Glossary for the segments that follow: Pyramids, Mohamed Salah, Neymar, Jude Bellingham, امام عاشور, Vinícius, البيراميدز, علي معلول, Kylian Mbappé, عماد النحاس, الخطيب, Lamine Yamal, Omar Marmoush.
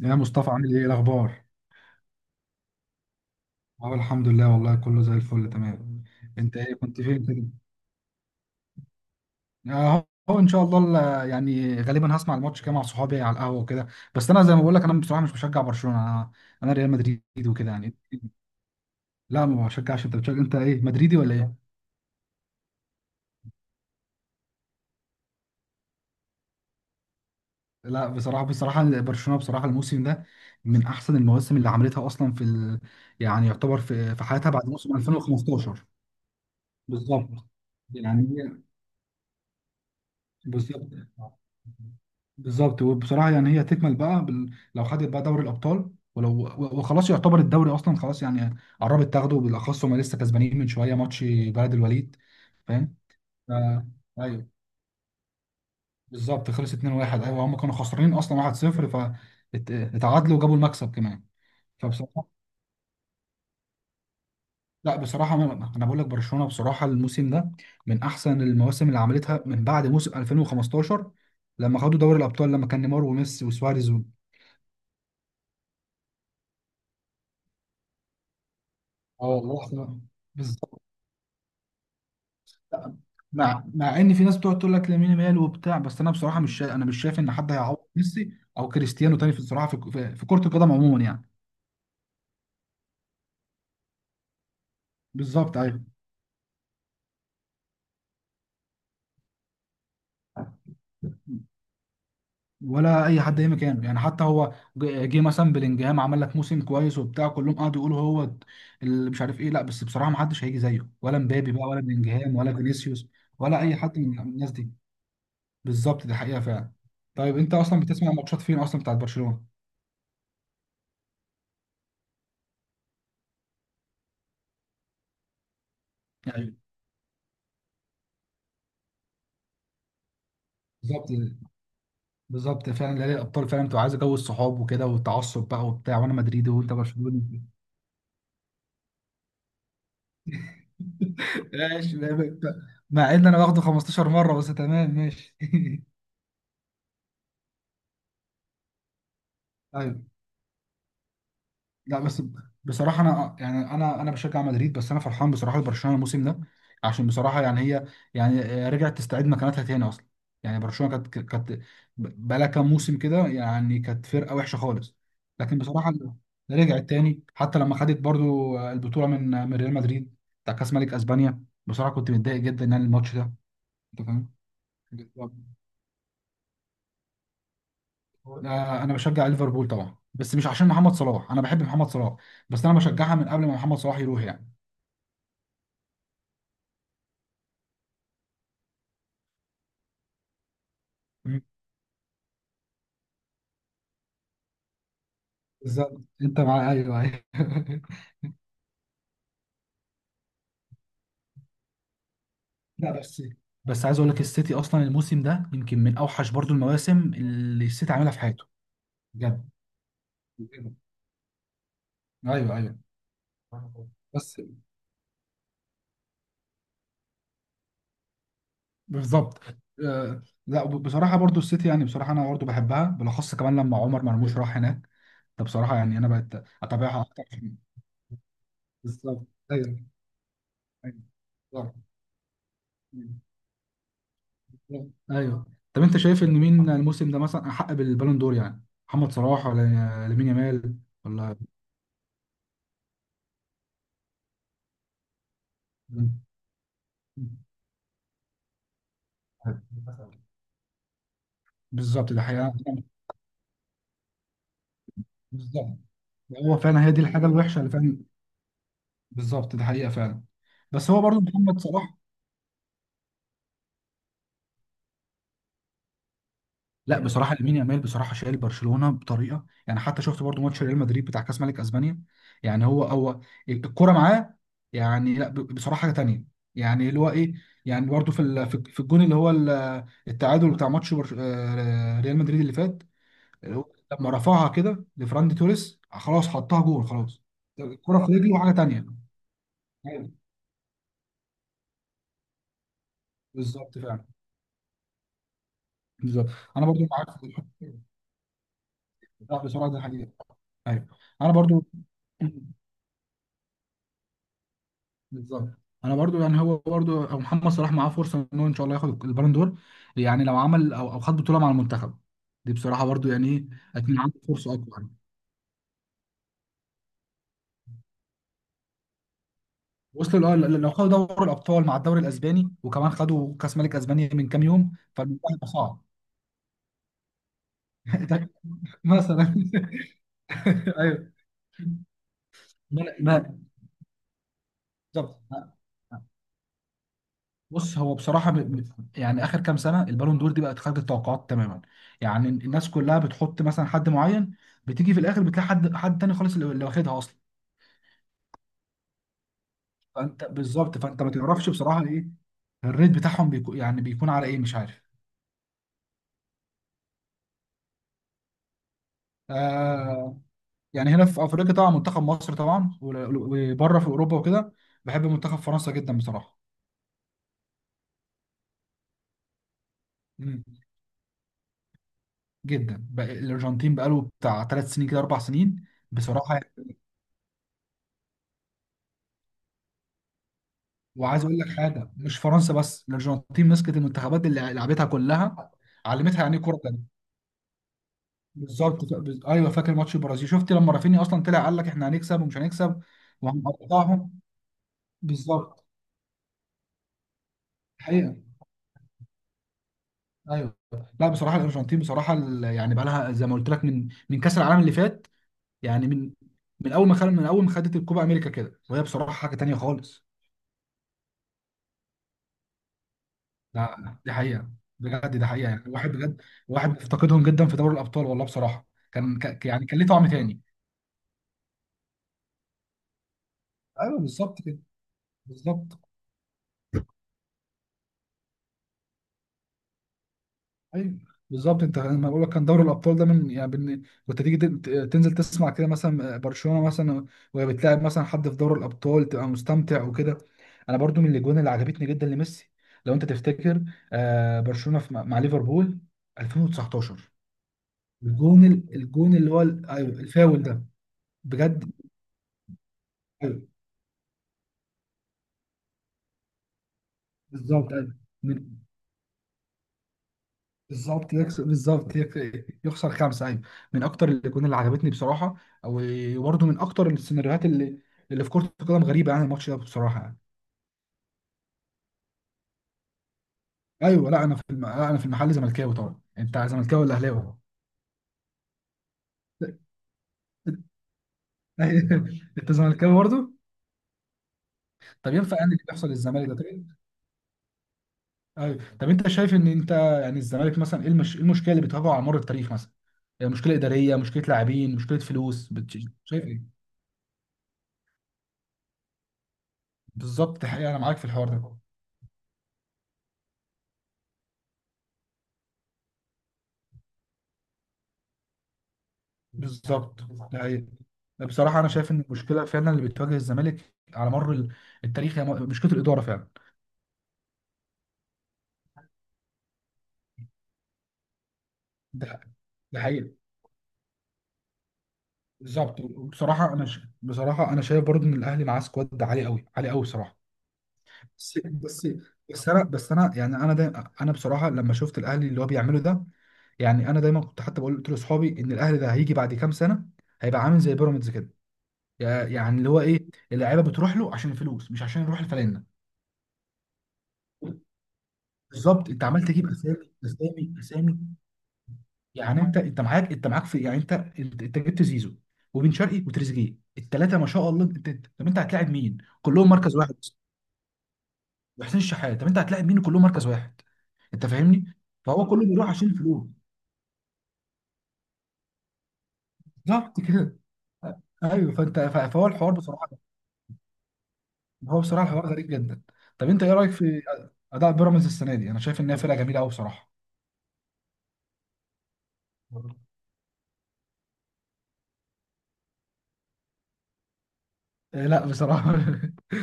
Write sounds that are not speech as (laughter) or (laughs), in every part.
يا مصطفى، عامل ايه؟ إيه الاخبار؟ اه، الحمد لله والله كله زي الفل تمام. انت ايه كنت فين كده؟ اهو ان شاء الله. يعني غالبا هسمع الماتش كده مع صحابي على القهوه وكده. بس انا زي ما بقول لك، انا بصراحه مش بشجع برشلونه، انا. انا ريال مدريد وكده يعني. لا، ما بشجعش. انت بتشجع، انت ايه، مدريدي ولا ايه؟ لا، بصراحه برشلونه بصراحه الموسم ده من احسن المواسم اللي عملتها اصلا يعني يعتبر في حياتها بعد موسم 2015. بالظبط، يعني بالظبط بالظبط. وبصراحه يعني هي تكمل بقى لو خدت بقى دوري الابطال ولو وخلاص يعتبر الدوري اصلا خلاص يعني قربت تاخده، بالاخص هم لسه كسبانين من شويه ماتش بلد الوليد. فاهم. ف... ايوه بالظبط، خلص 2-1. ايوه، هم كانوا خسرانين اصلا 1-0 فاتعادلوا وجابوا المكسب كمان. فبصراحه، لا بصراحه انا بقول لك برشلونه بصراحه الموسم ده من احسن المواسم اللي عملتها من بعد موسم 2015 لما خدوا دوري الابطال لما كان نيمار وميسي وسواريز. اه والله احنا بالظبط. مع ان في ناس بتقعد تقول لك لامين يامال وبتاع، بس انا بصراحه مش شا... انا مش شايف ان حد هيعوض ميسي او كريستيانو تاني في الصراحه، في كره القدم عموما يعني. بالظبط ايوه. ولا اي حد اي مكانه يعني، حتى هو جه مثلا بلينجهام عمل لك موسم كويس وبتاع، كلهم قعدوا يقولوا هو اللي مش عارف ايه. لا بس بصراحه ما حدش هيجي زيه، ولا مبابي بقى ولا بلينجهام ولا فينيسيوس ولا اي حد من الناس دي. بالظبط، دي حقيقه فعلا. طيب انت اصلا بتسمع ماتشات فين اصلا بتاعت برشلونه؟ يعني بالظبط بالظبط فعلا، نهائي الابطال فعلا بتبقى عايز جو الصحاب وكده والتعصب بقى وبتاع، وانا مدريدي وانت برشلوني. (laughs) ماشي. مع ان انا واخده 15 مره بس، تمام ماشي. (laughs) ايوه. لا بس، بصراحة أنا يعني أنا أنا بشجع مدريد بس أنا فرحان بصراحة لبرشلونة الموسم ده عشان بصراحة يعني هي يعني رجعت تستعيد مكانتها تاني أصلا يعني برشلونة كانت كانت بقالها كام موسم كده يعني كانت فرقة وحشة خالص لكن بصراحة رجعت تاني حتى لما خدت برضو البطولة من من ريال مدريد بتاع كأس ملك أسبانيا بصراحة كنت متضايق جدا يعني الماتش ده أنت فاهم؟ بالظبط. آه، أنا بشجع ليفربول طبعا بس مش عشان محمد صلاح أنا بحب محمد صلاح بس أنا بشجعها من قبل ما محمد صلاح يروح يعني بالظبط انت مع ايوه ايوه (laughs) لا بس عايز اقول لك، السيتي اصلا الموسم ده يمكن من اوحش برضو المواسم اللي السيتي عاملها في حياته. بجد. ايوه ايوه. بس بالظبط. آه لا بصراحه برضو السيتي يعني بصراحه انا برضو بحبها، بالاخص كمان لما عمر مرموش راح هناك. ده بصراحه يعني انا بقت اتابعها اكتر. بالظبط ايوه. ايوه بالظبط. ايوه، طب انت شايف ان مين الموسم ده مثلا احق بالبالون دور يعني، محمد صلاح ولا لامين يامال ولا مم؟ بالظبط، ده حقيقة. بالظبط، هو فعلا هي دي الحاجة الوحشة اللي فعلا. بالظبط، ده حقيقة فعلا. بس هو برضه محمد صلاح. لا بصراحة، لامين يامال بصراحة شايل برشلونة بطريقة يعني، حتى شفت برضه ماتش ريال مدريد بتاع كأس ملك أسبانيا. يعني هو هو الكورة معاه يعني. لا بصراحة حاجة تانية يعني، اللي هو ايه، يعني برضه في الجون اللي هو التعادل بتاع ماتش ريال مدريد اللي فات، اللي هو لما رفعها كده لفراندي توريس، خلاص حطها جول خلاص. الكرة في رجله وحاجة تانية. ايوه بالظبط فعلا. بالظبط. انا برضو معاك في الحتة دي. لا، بصراحة ده حقيقة. ايوه، انا برضو (clears throat) بالظبط، انا برضو يعني هو برضو أو محمد صلاح معاه فرصه انه ان شاء الله ياخد البالون دور، يعني لو عمل او خد بطوله مع المنتخب. دي بصراحه برضو يعني ايه، هتكون عنده فرصه اكبر يعني. وصلوا لو خدوا دوري الابطال مع الدوري الاسباني وكمان خدوا كاس ملك اسبانيا من كام يوم، فالموضوع هيبقى صعب. (laughs) ده مثلا. (laughs) ايوه. ما بالظبط. بص، هو بصراحه يعني اخر كام سنه البالون دور دي بقت خارج التوقعات تماما. يعني الناس كلها بتحط مثلا حد معين، بتيجي في الاخر بتلاقي حد تاني خالص اللي واخدها اصلا. فانت بالظبط، فانت ما تعرفش بصراحه ايه الريت بتاعهم بيكون يعني بيكون على ايه، مش عارف. آه، يعني هنا في افريقيا طبعا منتخب مصر طبعا وبره في اوروبا وكده، بحب منتخب فرنسا جدا بصراحه. مم. جدا الارجنتين بقاله بتاع 3 سنين كده 4 سنين. بصراحه، وعايز اقول لك حاجه، مش فرنسا بس، الارجنتين مسكت المنتخبات اللي لعبتها كلها، علمتها يعني ايه كوره تانيه. بالظبط ايوه، فاكر ماتش البرازيل، شفت لما رافينيا اصلا طلع قال لك احنا هنكسب ومش هنكسب وهنقطعهم. بالظبط حقيقه ايوه. لا بصراحه الارجنتين بصراحه يعني بقى لها زي ما قلت لك من كاس العالم اللي فات، يعني من اول ما من اول ما خدت الكوبا امريكا كده، وهي بصراحه حاجه تانيه خالص. لا، دي حقيقة. بجد دي حقيقة، يعني الواحد بجد الواحد بيفتقدهم جدا في دوري الأبطال والله بصراحة. كان يعني كان ليه طعم تاني. ايوه بالظبط كده. بالظبط ايوه بالظبط. انت لما بقول لك كان دوري الابطال ده من يعني كنت تيجي تنزل تسمع كده مثلا برشلونه مثلا، وهي بتلاعب مثلا حد في دوري الابطال، تبقى مستمتع وكده. انا برضو من الاجوان اللي عجبتني جدا لميسي، لو انت تفتكر، آه برشلونه مع ليفربول 2019، الجون الجون اللي هو ايوه الفاول ده. بجد. أيوه. بالظبط ايوه. من بالظبط يكسب بالظبط يخسر خمسه ايوه. من اكتر الاجوان اللي عجبتني بصراحه، وبرده من اكتر السيناريوهات اللي في كره القدم غريبه يعني، الماتش ده بصراحه يعني. ايوه لا انا لا انا في المحل زملكاوي طبعا، انت زملكاوي ولا اهلاوي؟ (laughs) انت زملكاوي برضه؟ طب ينفع يعني اللي بيحصل للزمالك ده طيب؟ ايوه، طب انت شايف ان انت يعني الزمالك مثلا ايه إيه المشكله اللي بتواجهه على مر التاريخ مثلا؟ يعني مشكله اداريه، مشكله لاعبين، مشكله فلوس، شايف ايه؟ بالظبط، حقيقة أنا معاك في الحوار ده. بالظبط. ده هي بصراحه انا شايف ان المشكله فعلا اللي بتواجه الزمالك على مر التاريخ هي مشكله الاداره فعلا. ده ده حقيقي. بالظبط، وبصراحه انا بصراحه انا شايف برضو ان الاهلي معاه سكواد عالي قوي عالي قوي بصراحه. بس بس بس انا بس انا يعني انا دايما انا بصراحه لما شفت الاهلي اللي هو بيعمله ده، يعني انا دايما كنت حتى بقول، قلت لاصحابي ان الاهلي ده هيجي بعد كام سنه هيبقى عامل زي بيراميدز كده، يعني اللي هو ايه، اللعيبه بتروح له عشان الفلوس مش عشان يروح الفلانه. بالظبط، انت عمال تجيب اسامي اسامي اسامي. يعني انت معاك في يعني انت جبت زيزو وبن شرقي وتريزيجيه الثلاثه ما شاء الله. انت طب انت هتلاعب مين؟ كلهم مركز واحد. وحسين الشحات، طب انت هتلاعب مين كلهم مركز واحد؟ انت فاهمني؟ فهو كله بيروح عشان الفلوس، بالظبط كده. ايوه فانت فهو الحوار بصراحه، هو بصراحه الحوار غريب جدا. طب انت ايه رايك في اداء بيراميدز السنه دي؟ انا شايف انها فرقه جميله قوي بصراحه. آه، لا بصراحه. (laughs)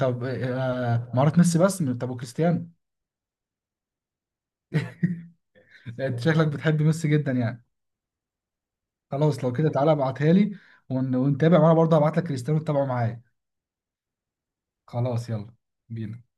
طب مهارات ميسي بس، طب وكريستيانو؟ انت شكلك بتحب ميسي جدا يعني. خلاص لو كده تعالى ابعتها لي ونتابع، وانا برضه هبعت لك كريستيانو تتابعه معايا. خلاص يلا بينا.